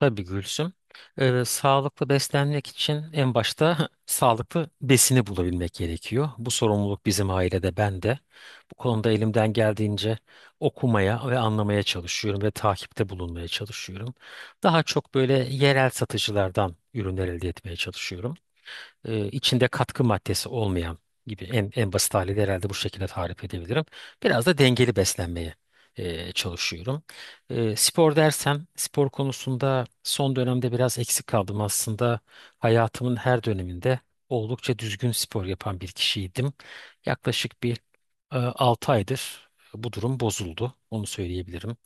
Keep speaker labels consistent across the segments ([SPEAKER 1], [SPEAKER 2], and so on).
[SPEAKER 1] Tabii Gülsüm. Sağlıklı beslenmek için en başta sağlıklı besini bulabilmek gerekiyor. Bu sorumluluk bizim ailede, ben de. Bu konuda elimden geldiğince okumaya ve anlamaya çalışıyorum ve takipte bulunmaya çalışıyorum. Daha çok böyle yerel satıcılardan ürünler elde etmeye çalışıyorum içinde katkı maddesi olmayan gibi en basit haliyle herhalde bu şekilde tarif edebilirim. Biraz da dengeli beslenmeye çalışıyorum. Spor dersem spor konusunda son dönemde biraz eksik kaldım aslında. Hayatımın her döneminde oldukça düzgün spor yapan bir kişiydim. Yaklaşık bir e, aydır bu durum bozuldu. Onu söyleyebilirim.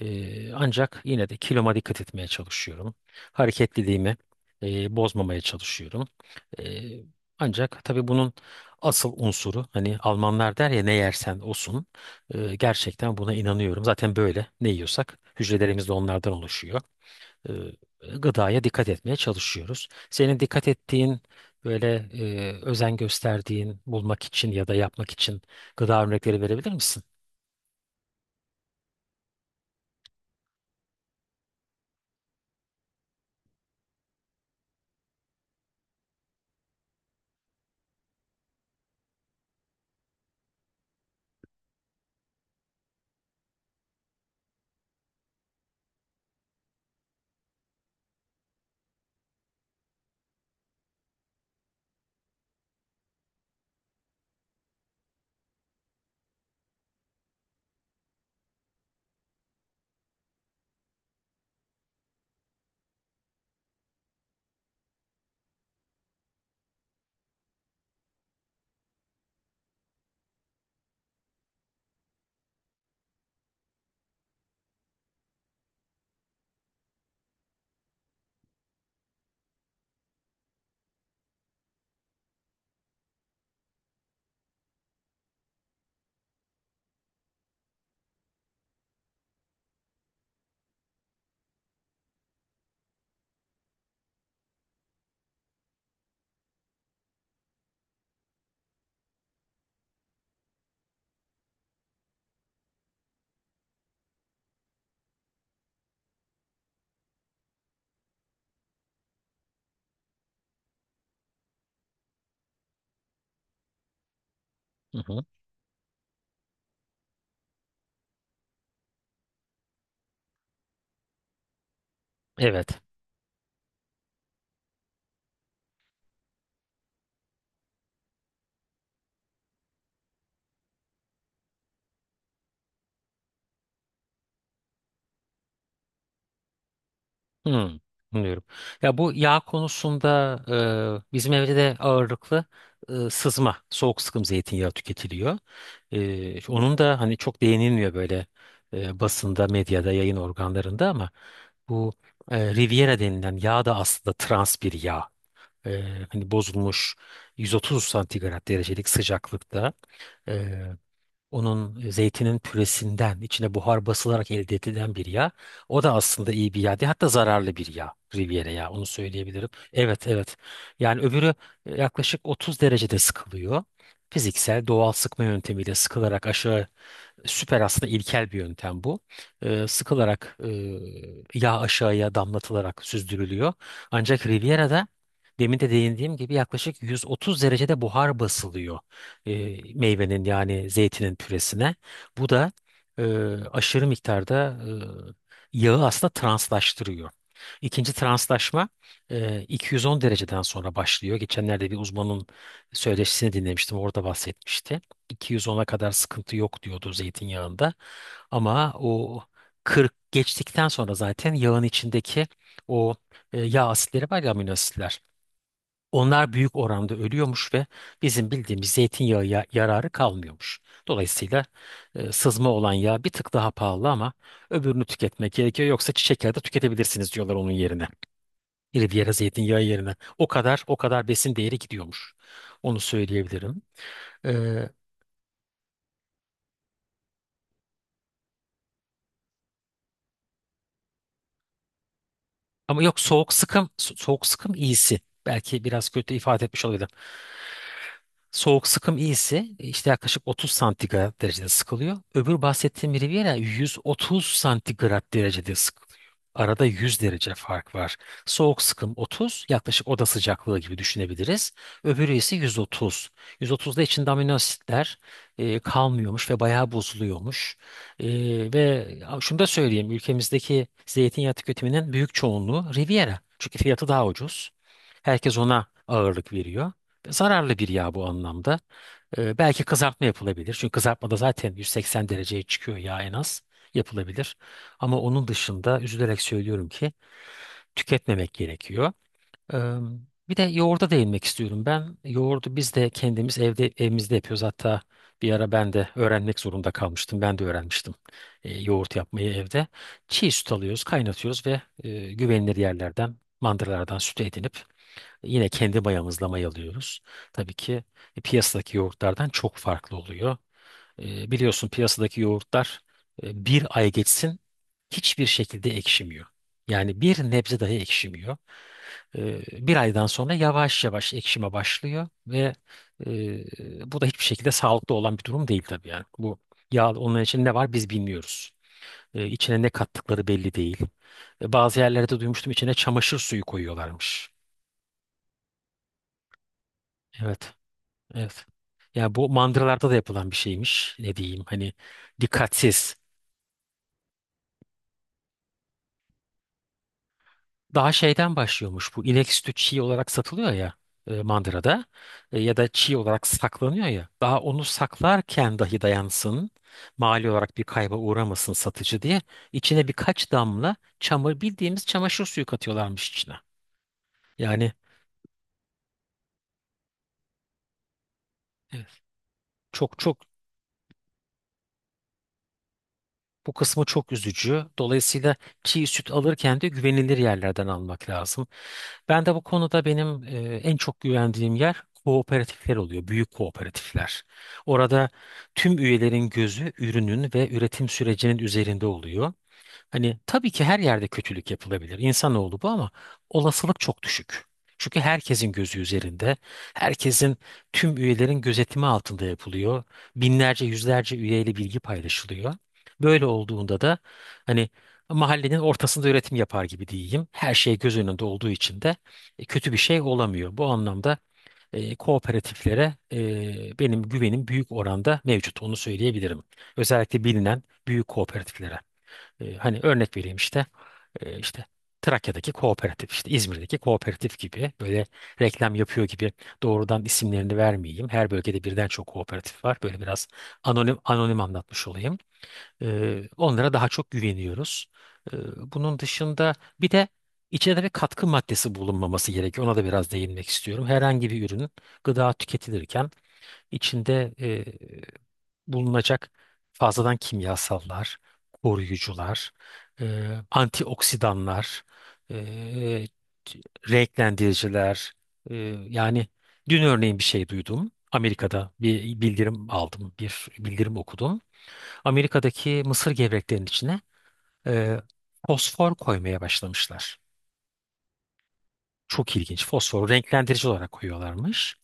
[SPEAKER 1] Ancak yine de kiloma dikkat etmeye çalışıyorum. Hareketliliğimi bozmamaya çalışıyorum. Ee, ancak tabii bunun asıl unsuru hani Almanlar der ya ne yersen osun. Gerçekten buna inanıyorum. Zaten böyle ne yiyorsak hücrelerimiz de onlardan oluşuyor. Gıdaya dikkat etmeye çalışıyoruz. Senin dikkat ettiğin böyle özen gösterdiğin bulmak için ya da yapmak için gıda örnekleri verebilir misin? Hı hı. Evet. Hı. Anlıyorum. Ya bu yağ konusunda bizim evde de ağırlıklı sızma, soğuk sıkım zeytinyağı tüketiliyor. Onun da hani çok değinilmiyor böyle basında, medyada, yayın organlarında ama bu Riviera denilen yağ da aslında trans bir yağ. Ee, hani bozulmuş 130 santigrat derecelik sıcaklıkta e, onun zeytinin püresinden içine buhar basılarak elde edilen bir yağ. O da aslında iyi bir yağ değil, hatta zararlı bir yağ. Riviera yağı onu söyleyebilirim. Evet evet. Yani öbürü yaklaşık 30 derecede sıkılıyor, fiziksel doğal sıkma yöntemiyle sıkılarak aşağı. Süper, aslında ilkel bir yöntem bu. Sıkılarak yağ aşağıya damlatılarak süzdürülüyor. Ancak Riviera'da demin de değindiğim gibi yaklaşık 130 derecede buhar basılıyor e, meyvenin yani zeytinin püresine. Bu da e, aşırı miktarda yağı aslında translaştırıyor. İkinci translaşma 210 dereceden sonra başlıyor. Geçenlerde bir uzmanın söyleşisini dinlemiştim, orada bahsetmişti. 210'a kadar sıkıntı yok diyordu zeytinyağında. Ama o 40 geçtikten sonra zaten yağın içindeki o yağ asitleri var ya, amino asitler. Onlar büyük oranda ölüyormuş ve bizim bildiğimiz zeytinyağı yararı kalmıyormuş. Dolayısıyla sızma olan yağ bir tık daha pahalı ama öbürünü tüketmek gerekiyor. Yoksa çiçek yağı da tüketebilirsiniz diyorlar onun yerine. Riviera zeytinyağı yerine. O kadar o kadar besin değeri gidiyormuş. Onu söyleyebilirim. E, Ama yok, soğuk sıkım soğuk sıkım iyisi. Belki biraz kötü ifade etmiş olabilirim. Soğuk sıkım iyisi işte yaklaşık 30 santigrat derecede sıkılıyor. Öbür bahsettiğim Riviera 130 santigrat derecede sıkılıyor. Arada 100 derece fark var. Soğuk sıkım 30, yaklaşık oda sıcaklığı gibi düşünebiliriz. Öbürü ise 130. 130'da içinde amino asitler kalmıyormuş ve bayağı bozuluyormuş. E, ve şunu da söyleyeyim, ülkemizdeki zeytinyağı tüketiminin büyük çoğunluğu Riviera. Çünkü fiyatı daha ucuz. Herkes ona ağırlık veriyor. Zararlı bir yağ bu anlamda. Belki kızartma yapılabilir. Çünkü kızartmada zaten 180 dereceye çıkıyor yağ en az, yapılabilir. Ama onun dışında üzülerek söylüyorum ki tüketmemek gerekiyor. Ee, bir de yoğurda değinmek istiyorum ben. Yoğurdu biz de kendimiz evde evimizde yapıyoruz. Hatta bir ara ben de öğrenmek zorunda kalmıştım. Ben de öğrenmiştim yoğurt yapmayı evde. Çiğ süt alıyoruz, kaynatıyoruz ve güvenilir yerlerden, mandıralardan süt edinip yine kendi mayamızla mayalıyoruz. Tabii ki piyasadaki yoğurtlardan çok farklı oluyor. Biliyorsun piyasadaki yoğurtlar bir ay geçsin hiçbir şekilde ekşimiyor. Yani bir nebze dahi ekşimiyor. Bir aydan sonra yavaş yavaş ekşime başlıyor ve bu da hiçbir şekilde sağlıklı olan bir durum değil tabii yani. Bu yağ onun için ne var biz bilmiyoruz. E, içine ne kattıkları belli değil. Bazı yerlerde duymuştum içine çamaşır suyu koyuyorlarmış. Evet. Evet. Ya bu mandıralarda da yapılan bir şeymiş. Ne diyeyim, hani dikkatsiz. Daha şeyden başlıyormuş, bu inek sütü çiğ olarak satılıyor ya mandırada. Ya da çiğ olarak saklanıyor ya. Daha onu saklarken dahi dayansın, mali olarak bir kayba uğramasın satıcı diye, içine birkaç damla çamur, bildiğimiz çamaşır suyu katıyorlarmış içine. Yani evet, çok çok. Bu kısmı çok üzücü. Dolayısıyla çiğ süt alırken de güvenilir yerlerden almak lazım. Ben de bu konuda, benim en çok güvendiğim yer kooperatifler oluyor, büyük kooperatifler. Orada tüm üyelerin gözü ürünün ve üretim sürecinin üzerinde oluyor. Hani tabii ki her yerde kötülük yapılabilir, İnsanoğlu bu, ama olasılık çok düşük. Çünkü herkesin gözü üzerinde, herkesin, tüm üyelerin gözetimi altında yapılıyor. Binlerce, yüzlerce üyeyle bilgi paylaşılıyor. Böyle olduğunda da hani mahallenin ortasında üretim yapar gibi diyeyim. Her şey göz önünde olduğu için de kötü bir şey olamıyor. Bu anlamda kooperatiflere benim güvenim büyük oranda mevcut. Onu söyleyebilirim. Özellikle bilinen büyük kooperatiflere. Hani örnek vereyim, işte işte Trakya'daki kooperatif, işte İzmir'deki kooperatif gibi. Böyle reklam yapıyor gibi doğrudan isimlerini vermeyeyim. Her bölgede birden çok kooperatif var. Böyle biraz anonim anonim anlatmış olayım. Onlara daha çok güveniyoruz. E, bunun dışında bir de içinde bir katkı maddesi bulunmaması gerekiyor. Ona da biraz değinmek istiyorum. Herhangi bir ürün, gıda tüketilirken içinde bulunacak fazladan kimyasallar, koruyucular, antioksidanlar, e, renklendiriciler. e, Yani dün örneğin bir şey duydum. Amerika'da bir bildirim aldım, bir bildirim okudum. Amerika'daki mısır gevreklerinin içine e, fosfor koymaya başlamışlar. Çok ilginç. Fosforu renklendirici olarak koyuyorlarmış.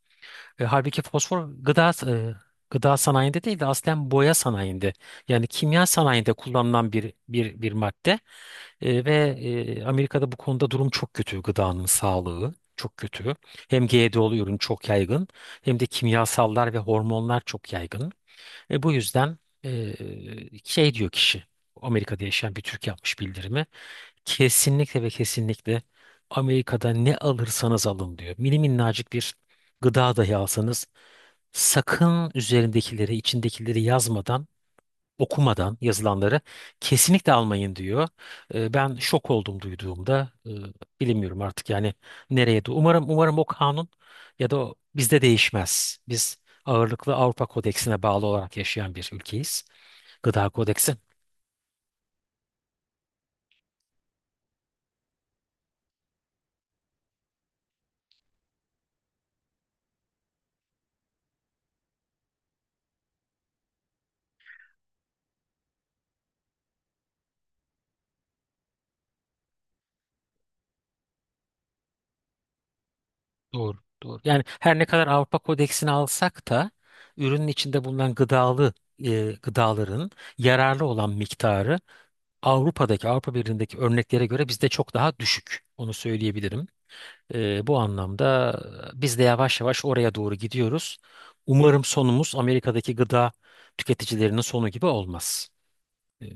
[SPEAKER 1] Halbuki fosfor gıda, gıda sanayinde değil de aslen boya sanayinde, yani kimya sanayinde kullanılan bir madde. Ve Amerika'da bu konuda durum çok kötü, gıdanın sağlığı çok kötü. Hem GDO'lu ürün çok yaygın, hem de kimyasallar ve hormonlar çok yaygın. Bu yüzden e, şey diyor kişi, Amerika'da yaşayan bir Türk yapmış bildirimi. Kesinlikle ve kesinlikle Amerika'da ne alırsanız alın diyor. Mini minnacık bir gıda dahi alsanız sakın üzerindekileri, içindekileri, yazmadan, okumadan yazılanları kesinlikle almayın diyor. Ben şok oldum duyduğumda. Bilemiyorum artık yani nereye de. Umarım umarım o kanun ya da o bizde değişmez. Biz ağırlıklı Avrupa Kodeksine bağlı olarak yaşayan bir ülkeyiz. Gıda Kodeksi. Doğru, doğru. Yani her ne kadar Avrupa Kodeksini alsak da ürünün içinde bulunan gıdalı, gıdaların yararlı olan miktarı Avrupa'daki, Avrupa Birliği'ndeki örneklere göre bizde çok daha düşük. Onu söyleyebilirim. Bu anlamda biz de yavaş yavaş oraya doğru gidiyoruz. Umarım sonumuz Amerika'daki gıda tüketicilerinin sonu gibi olmaz. Ee,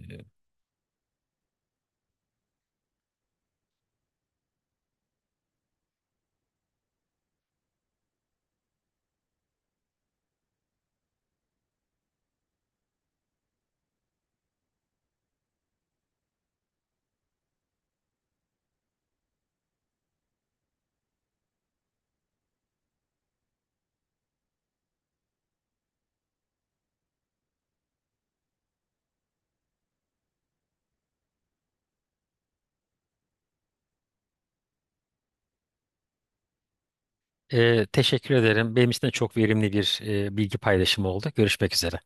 [SPEAKER 1] teşekkür ederim. Benim için de çok verimli bir bilgi paylaşımı oldu. Görüşmek üzere.